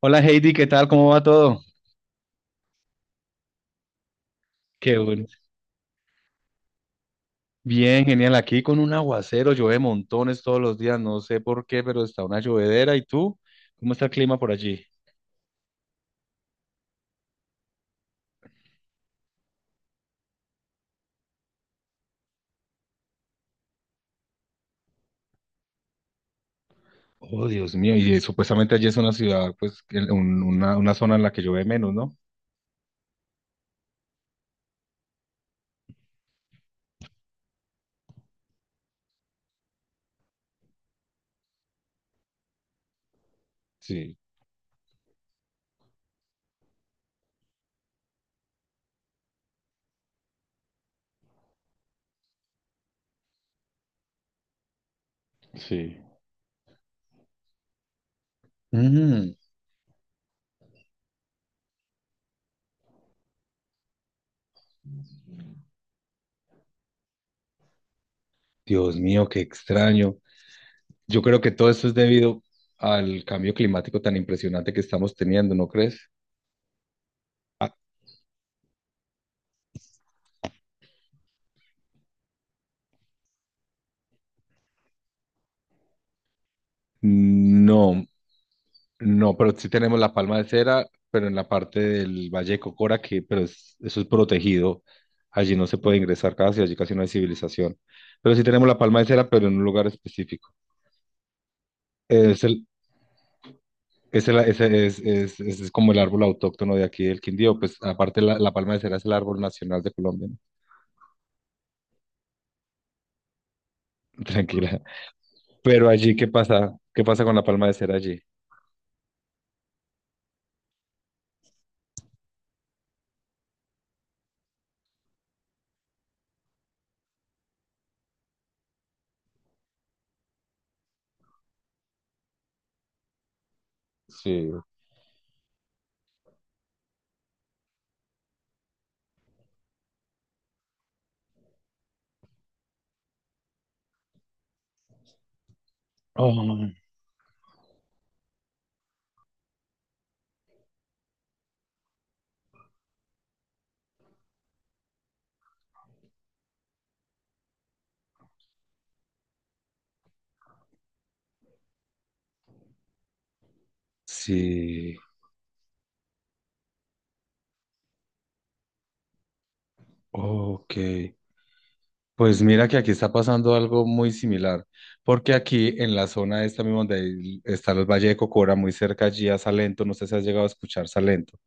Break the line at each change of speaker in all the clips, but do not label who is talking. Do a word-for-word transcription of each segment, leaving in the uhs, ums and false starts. Hola Heidi, ¿qué tal? ¿Cómo va todo? Qué bueno. Bien, genial. Aquí con un aguacero, llueve montones todos los días, no sé por qué, pero está una llovedera. ¿Y tú? ¿Cómo está el clima por allí? Oh, Dios mío, y eh, supuestamente allí es una ciudad, pues, el- un- una, una zona en la que llueve menos, ¿no? Sí, sí. Mm. Dios mío, qué extraño. Yo creo que todo esto es debido al cambio climático tan impresionante que estamos teniendo, ¿no crees? Ah, no. No, pero sí tenemos la palma de cera, pero en la parte del Valle de Cocora, que pero es- eso es protegido. Allí no se puede ingresar casi, allí casi no hay civilización. Pero sí tenemos la palma de cera, pero en un lugar específico. Es el, es el- es, es, es, es- es como el árbol autóctono de aquí del Quindío. Pues aparte la, la palma de cera es el árbol nacional de Colombia, ¿no? Tranquila. Pero allí, ¿qué pasa? ¿Qué pasa con la palma de cera allí? Sí. Oh, sí. Ok. Pues mira que aquí está pasando algo muy similar, porque aquí en la zona esta misma donde hay- está el Valle de Cocora, muy cerca allí a Salento, no sé si has llegado a escuchar Salento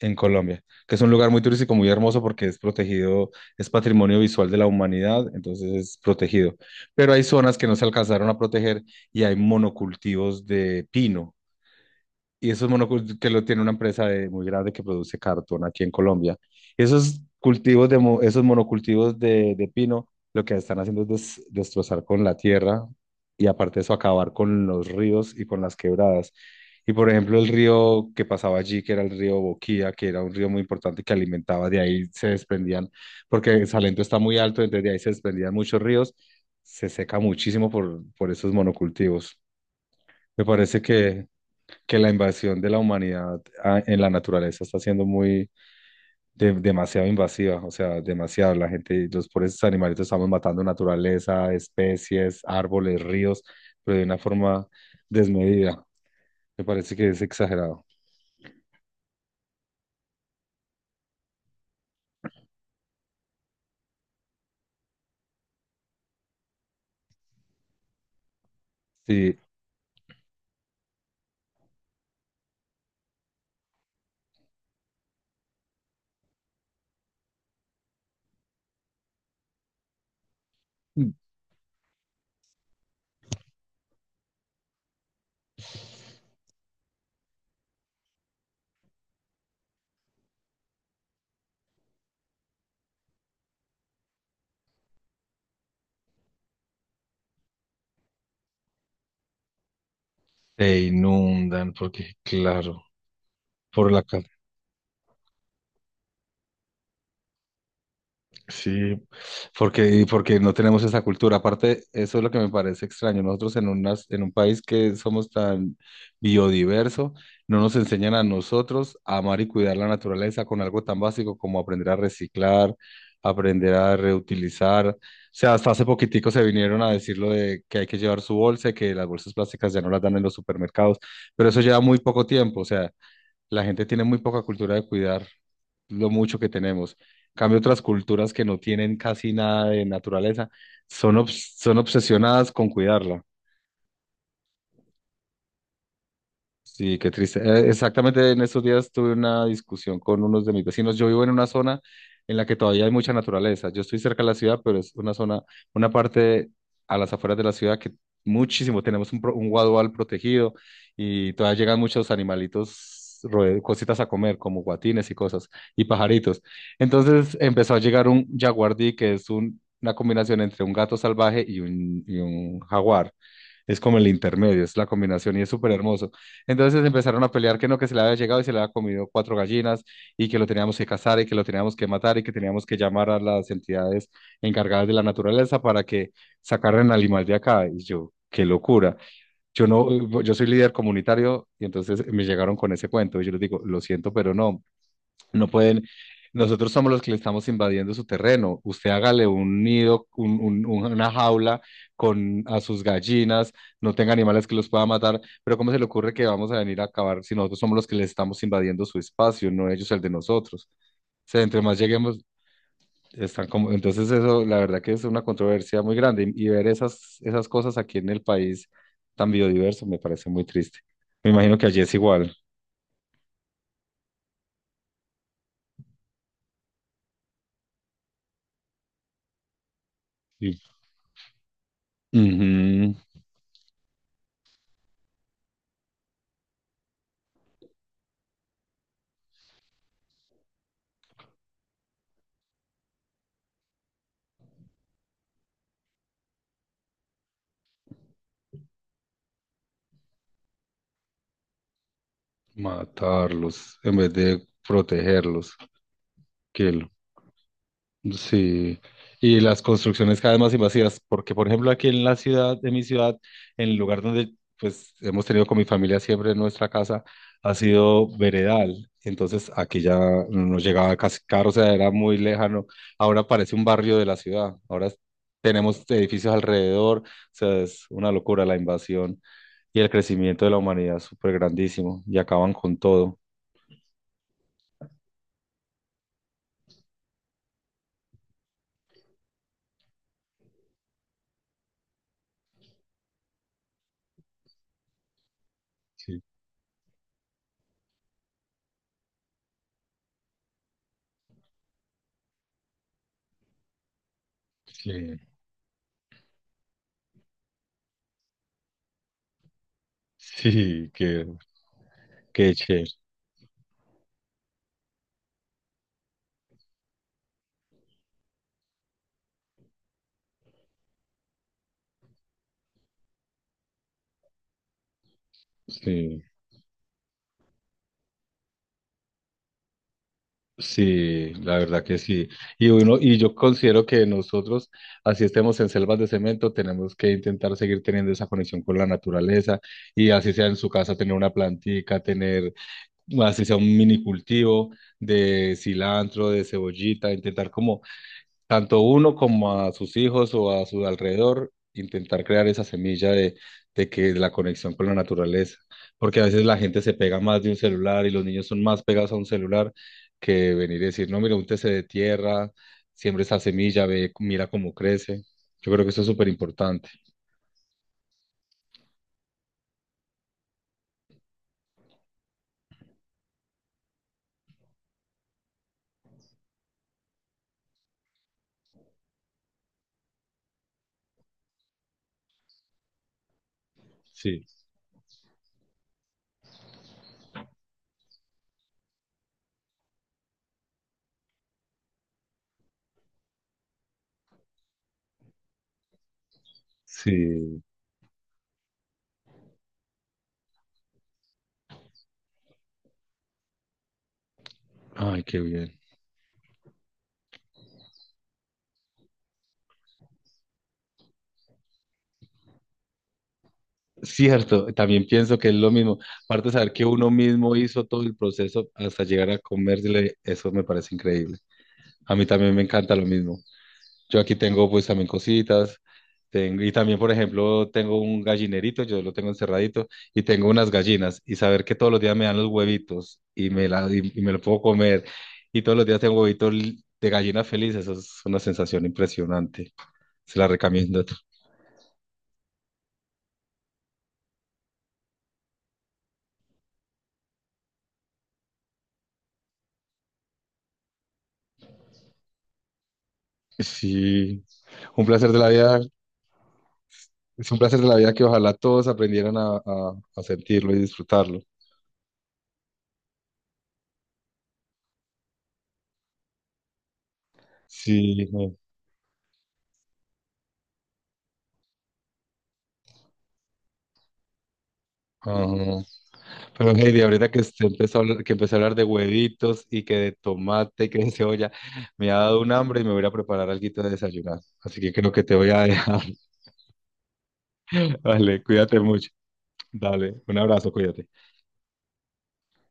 en Colombia, que es un lugar muy turístico, muy hermoso porque es protegido, es patrimonio visual de la humanidad, entonces es protegido. Pero hay zonas que no se alcanzaron a proteger y hay monocultivos de pino. Y esos es que lo tiene una empresa de- muy grande que produce cartón aquí en Colombia. Esos cultivos de, mo- esos monocultivos de, de pino, lo que están haciendo es des- destrozar con la tierra y aparte de eso acabar con los ríos y con las quebradas. Y por ejemplo, el río que pasaba allí, que era el río Boquía, que era un río muy importante que alimentaba, de ahí se desprendían, porque Salento está muy alto, entonces de ahí se desprendían muchos ríos, se seca muchísimo por, por esos monocultivos. Me parece que que la invasión de la humanidad a- en la naturaleza está siendo muy de- demasiado invasiva, o sea, demasiado. La gente, los pobres animalitos estamos matando naturaleza, especies, árboles, ríos, pero de una forma desmedida. Me parece que es exagerado. Sí, te inundan porque, claro, por la, ca- sí, porque, y porque no tenemos esa cultura. Aparte, eso es lo que me parece extraño. Nosotros en unas, en un país que somos tan biodiverso, no nos enseñan a nosotros a amar y cuidar la naturaleza con algo tan básico como aprender a reciclar, aprender a reutilizar. O sea, hasta hace poquitico se vinieron a decir lo de que hay que llevar su bolsa, y que las bolsas plásticas ya no las dan en los supermercados, pero eso lleva muy poco tiempo. O sea, la gente tiene muy poca cultura de cuidar lo mucho que tenemos. En cambio, otras culturas que no tienen casi nada de naturaleza son, obs- son obsesionadas con cuidarla. Sí, qué triste. Eh, Exactamente en estos días tuve una discusión con unos de mis vecinos. Yo vivo en una zona en la que todavía hay mucha naturaleza. Yo estoy cerca de la ciudad, pero es una zona, una parte a las afueras de la ciudad que muchísimo, tenemos un, pro- un guadual protegido y todavía llegan muchos animalitos, roe- cositas a comer, como guatines y cosas, y pajaritos. Entonces empezó a llegar un jaguardí, que es un- una combinación entre un gato salvaje y un, y un jaguar. Es como el intermedio, es la combinación y es súper hermoso. Entonces empezaron a pelear que no, que se le había llegado y se le había comido cuatro gallinas y que lo teníamos que cazar y que lo teníamos que matar y que teníamos que llamar a las entidades encargadas de la naturaleza para que sacaran al animal de acá. Y yo, qué locura. Yo no, yo soy líder comunitario y entonces me llegaron con ese cuento y yo les digo, lo siento, pero no. No pueden, nosotros somos los que le estamos invadiendo su terreno. Usted hágale un nido, un- un- un- una jaula con a sus gallinas, no tenga animales que los pueda matar, pero ¿cómo se le ocurre que vamos a venir a acabar si nosotros somos los que le estamos invadiendo su espacio, no ellos el de nosotros? O sea, entre más lleguemos, están como, entonces eso, la verdad que es una controversia muy grande y, y ver esas, esas cosas aquí en el país tan biodiverso me parece muy triste. Me imagino que allí es igual. Sí. Ujú. Matarlos en vez de protegerlos. Que lo- sí. Y las construcciones cada vez más invasivas, porque por ejemplo aquí en la ciudad, de mi ciudad, en el lugar donde pues hemos tenido con mi familia siempre nuestra casa, ha sido veredal. Entonces aquí ya nos llegaba casi carro, o sea, era muy lejano. Ahora parece un barrio de la ciudad. Ahora es- tenemos edificios alrededor, o sea, es una locura la invasión y el crecimiento de la humanidad es súper grandísimo y acaban con todo. Sí, sí, qué, qué chévere. Sí, sí, la verdad que sí. Y uno, y yo considero que nosotros, así estemos en selvas de cemento, tenemos que intentar seguir teniendo esa conexión con la naturaleza y así sea en su casa tener una plantica, tener, así sea un mini cultivo de cilantro, de cebollita, intentar como tanto uno como a sus hijos o a su alrededor, intentar crear esa semilla de, de que de la conexión con la naturaleza, porque a veces la gente se pega más de un celular y los niños son más pegados a un celular que venir y decir, no, mira, úntese de tierra, siembra esa semilla, ve, mira cómo crece. Yo creo que eso es súper importante. Sí, sí. Ay, qué bien. Cierto, también pienso que es lo mismo. Aparte de saber que uno mismo hizo todo el proceso hasta llegar a comérsele, eso me parece increíble. A mí también me encanta lo mismo. Yo aquí tengo pues también cositas. Tengo, y también, por ejemplo, tengo un gallinerito, yo lo tengo encerradito, y tengo unas gallinas. Y saber que todos los días me dan los huevitos y me, la, y, y me lo puedo comer. Y todos los días tengo huevitos li- de gallina feliz. Eso es una sensación impresionante. Se la recomiendo. Sí, un placer de la vida. Es un placer de la vida que ojalá todos aprendieran a, a, a sentirlo y disfrutarlo. Sí, no. Ajá. Pero Heidi, ahorita que usted empezó a hablar, que empezó a hablar de huevitos y que de tomate y que de cebolla, me ha dado un hambre y me voy a ir a preparar algo de desayunar. Así que creo que te voy a dejar. Vale, cuídate mucho. Dale, un abrazo, cuídate.